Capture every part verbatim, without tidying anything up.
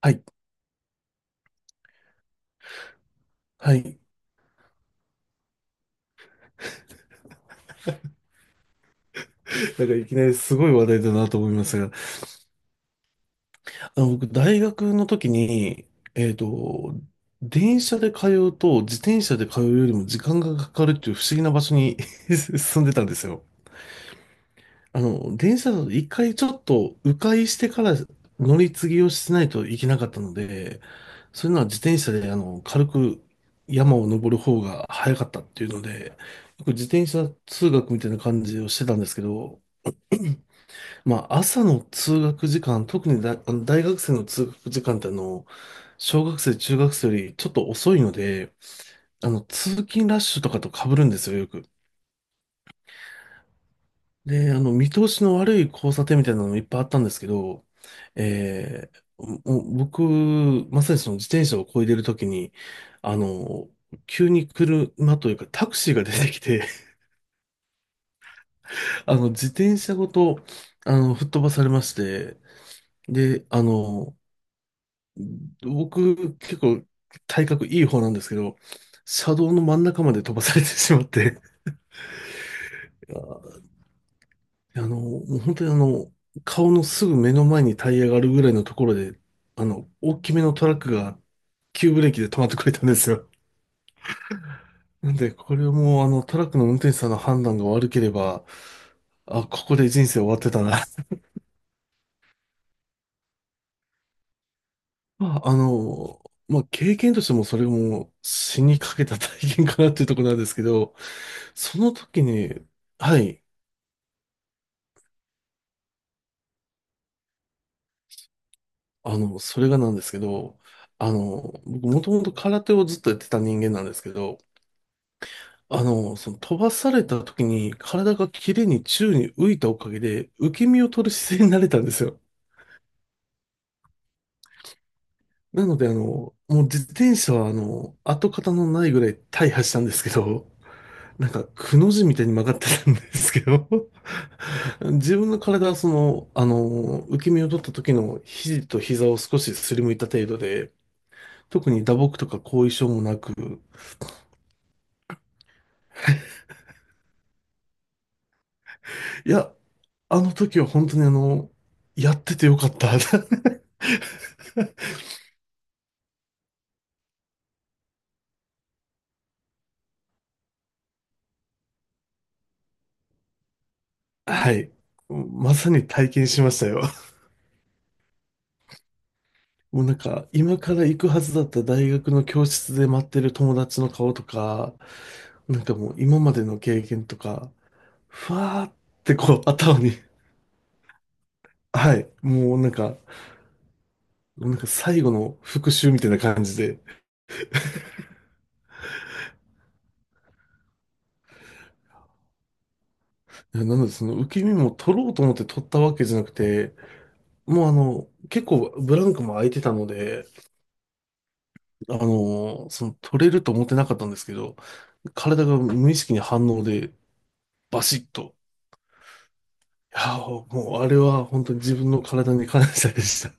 はい。はい。なんかいきなりすごい話題だなと思いますが、あの、僕、大学の時に、えっと、電車で通うと自転車で通うよりも時間がかかるっていう不思議な場所に 住んでたんですよ。あの、電車だと一回ちょっと迂回してから乗り継ぎをしないといけなかったので、それなら自転車であの軽く山を登る方が早かったっていうので、よく自転車通学みたいな感じをしてたんですけど、まあ朝の通学時間、特にだ、あの大学生の通学時間ってあの、小学生、中学生よりちょっと遅いので、あの通勤ラッシュとかと被るんですよ、よく。で、あの、見通しの悪い交差点みたいなのもいっぱいあったんですけど、えー、もう僕、まさにその自転車を漕いでるときに、あの、急に車というかタクシーが出てきて、あの、自転車ごと、あの、吹っ飛ばされまして、で、あの、僕、結構体格いい方なんですけど、車道の真ん中まで飛ばされてしまって、あの、もう本当にあの、顔のすぐ目の前にタイヤがあるぐらいのところで、あの、大きめのトラックが急ブレーキで止まってくれたんですよ。なんで、これはもうあの、トラックの運転手さんの判断が悪ければ、あ、ここで人生終わってたな。まあ、あの、まあ、経験としてもそれも死にかけた体験かなっていうところなんですけど、その時に、はい、あの、それがなんですけど、あの、僕もともと空手をずっとやってた人間なんですけど、あの、その飛ばされた時に体が綺麗に宙に浮いたおかげで受け身を取る姿勢になれたんですよ。なので、あの、もう自転車はあの、跡形のないぐらい大破したんですけど、なんかくの字みたいに曲がってたんですけど、自分の体はその、あの、受け身を取った時の肘と膝を少しすりむいた程度で、特に打撲とか後遺症もなく、いや、あの時は本当にあの、やっててよかった。はい。まさに体験しましたよ。もうなんか、今から行くはずだった大学の教室で待ってる友達の顔とか、なんかもう今までの経験とか、ふわーってこう頭に、はい、もうなんか、なんか最後の復習みたいな感じで、なのでその受け身も取ろうと思って取ったわけじゃなくて、もうあの、結構ブランクも空いてたので、あの、その取れると思ってなかったんですけど、体が無意識に反応でバシッと、や、もうあれは本当に自分の体に感謝でした。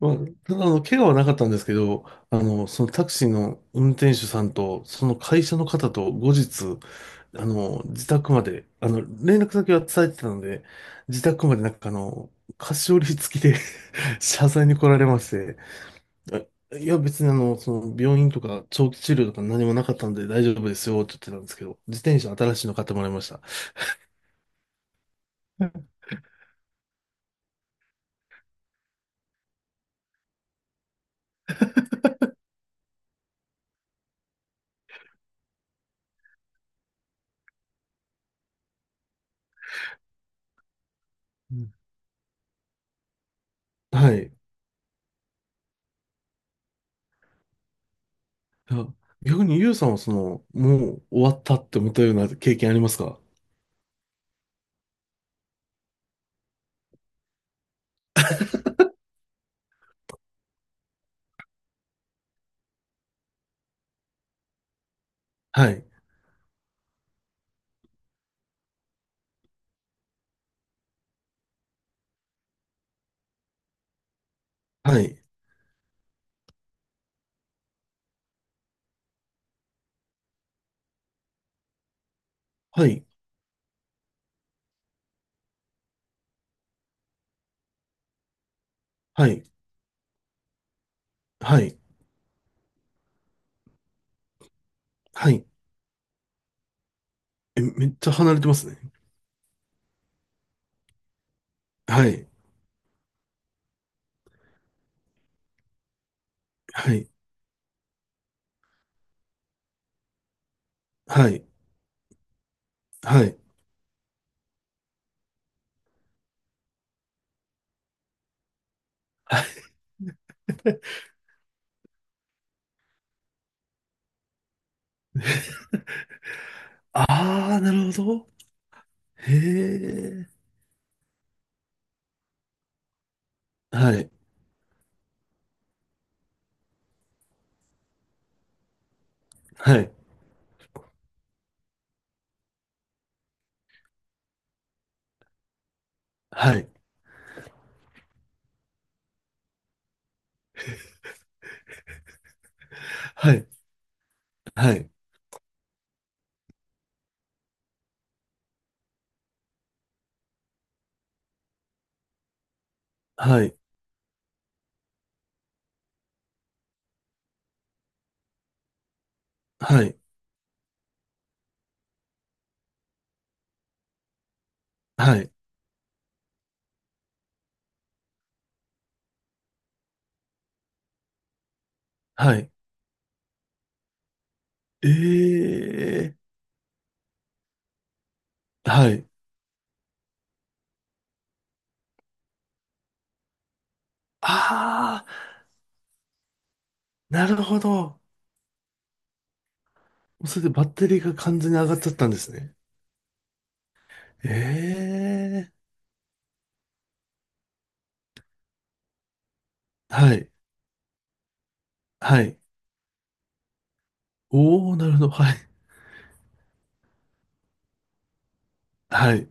まあ、ただあの、怪我はなかったんですけど、あの、そのタクシーの運転手さんと、その会社の方と後日、あの、自宅まで、あの、連絡先は伝えてたので、自宅までなんかあの、菓子折り付きで 謝罪に来られまして、あいや、別にあの、その、病院とか長期治療とか何もなかったんで大丈夫ですよって言ってたんですけど、自転車新しいの買ってもらいました。うん。はい。いや、逆にゆうさんはその、もう終わったって思ったような経験ありますか？はい。はい。はい。はい。はい。はい。え、めっちゃ離れてますね。はい。はい。はい。はい。あー、なるほど。へえ。はい。はい。はい。はい。はい。はい。はい。はい。はい。ええ。はい。あー、なるほど。それでバッテリーが完全に上がっちゃったんですね。ええ。はい、はい。おお、なるほど。はい、はい、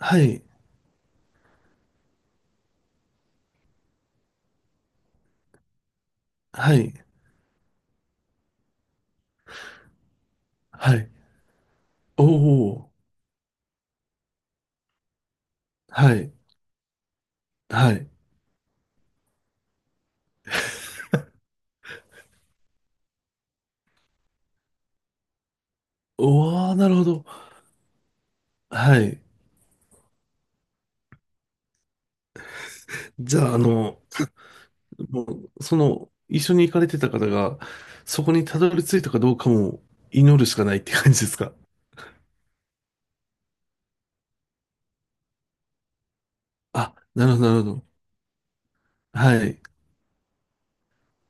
はい、はい、はい。おお、はい、はい。おお、なるほど。はい。じゃあ、あの、もう、その、一緒に行かれてた方が、そこにたどり着いたかどうかも祈るしかないって感じですか。あ、なるほど、なるほど。はい、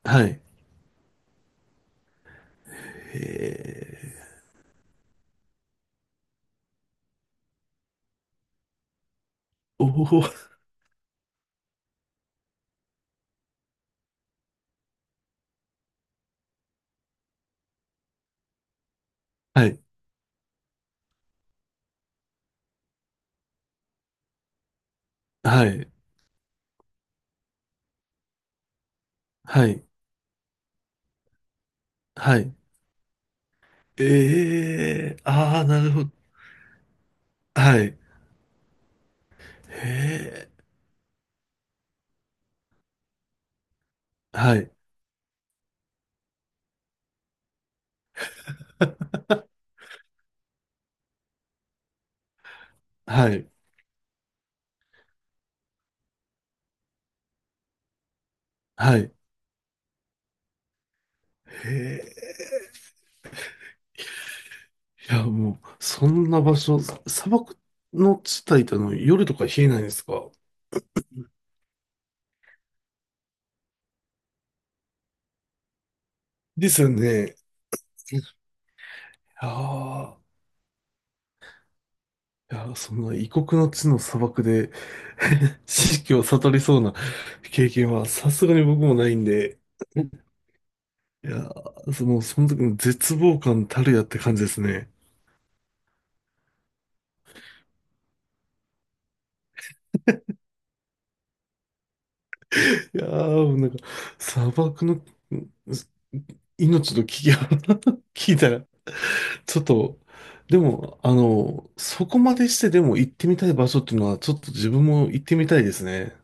はい。へえ、おお、はい、はい、はい、はい。ええ。ああ、なるほど。はい。へえ。はい。はい。はい。へえ。いや、もう、そんな場所、砂漠の地帯ってあの夜とか冷えないんですか？ですよね。いやー、いやー、そんな異国の地の砂漠で 知識を悟りそうな 経験はさすがに僕もないんで、いやー、その、その時の絶望感たるやって感じですね。いやー、もうなんか、砂漠のうん命の危機を 聞いたら、ちょっと、でも、あの、そこまでしてでも行ってみたい場所っていうのは、ちょっと自分も行ってみたいですね。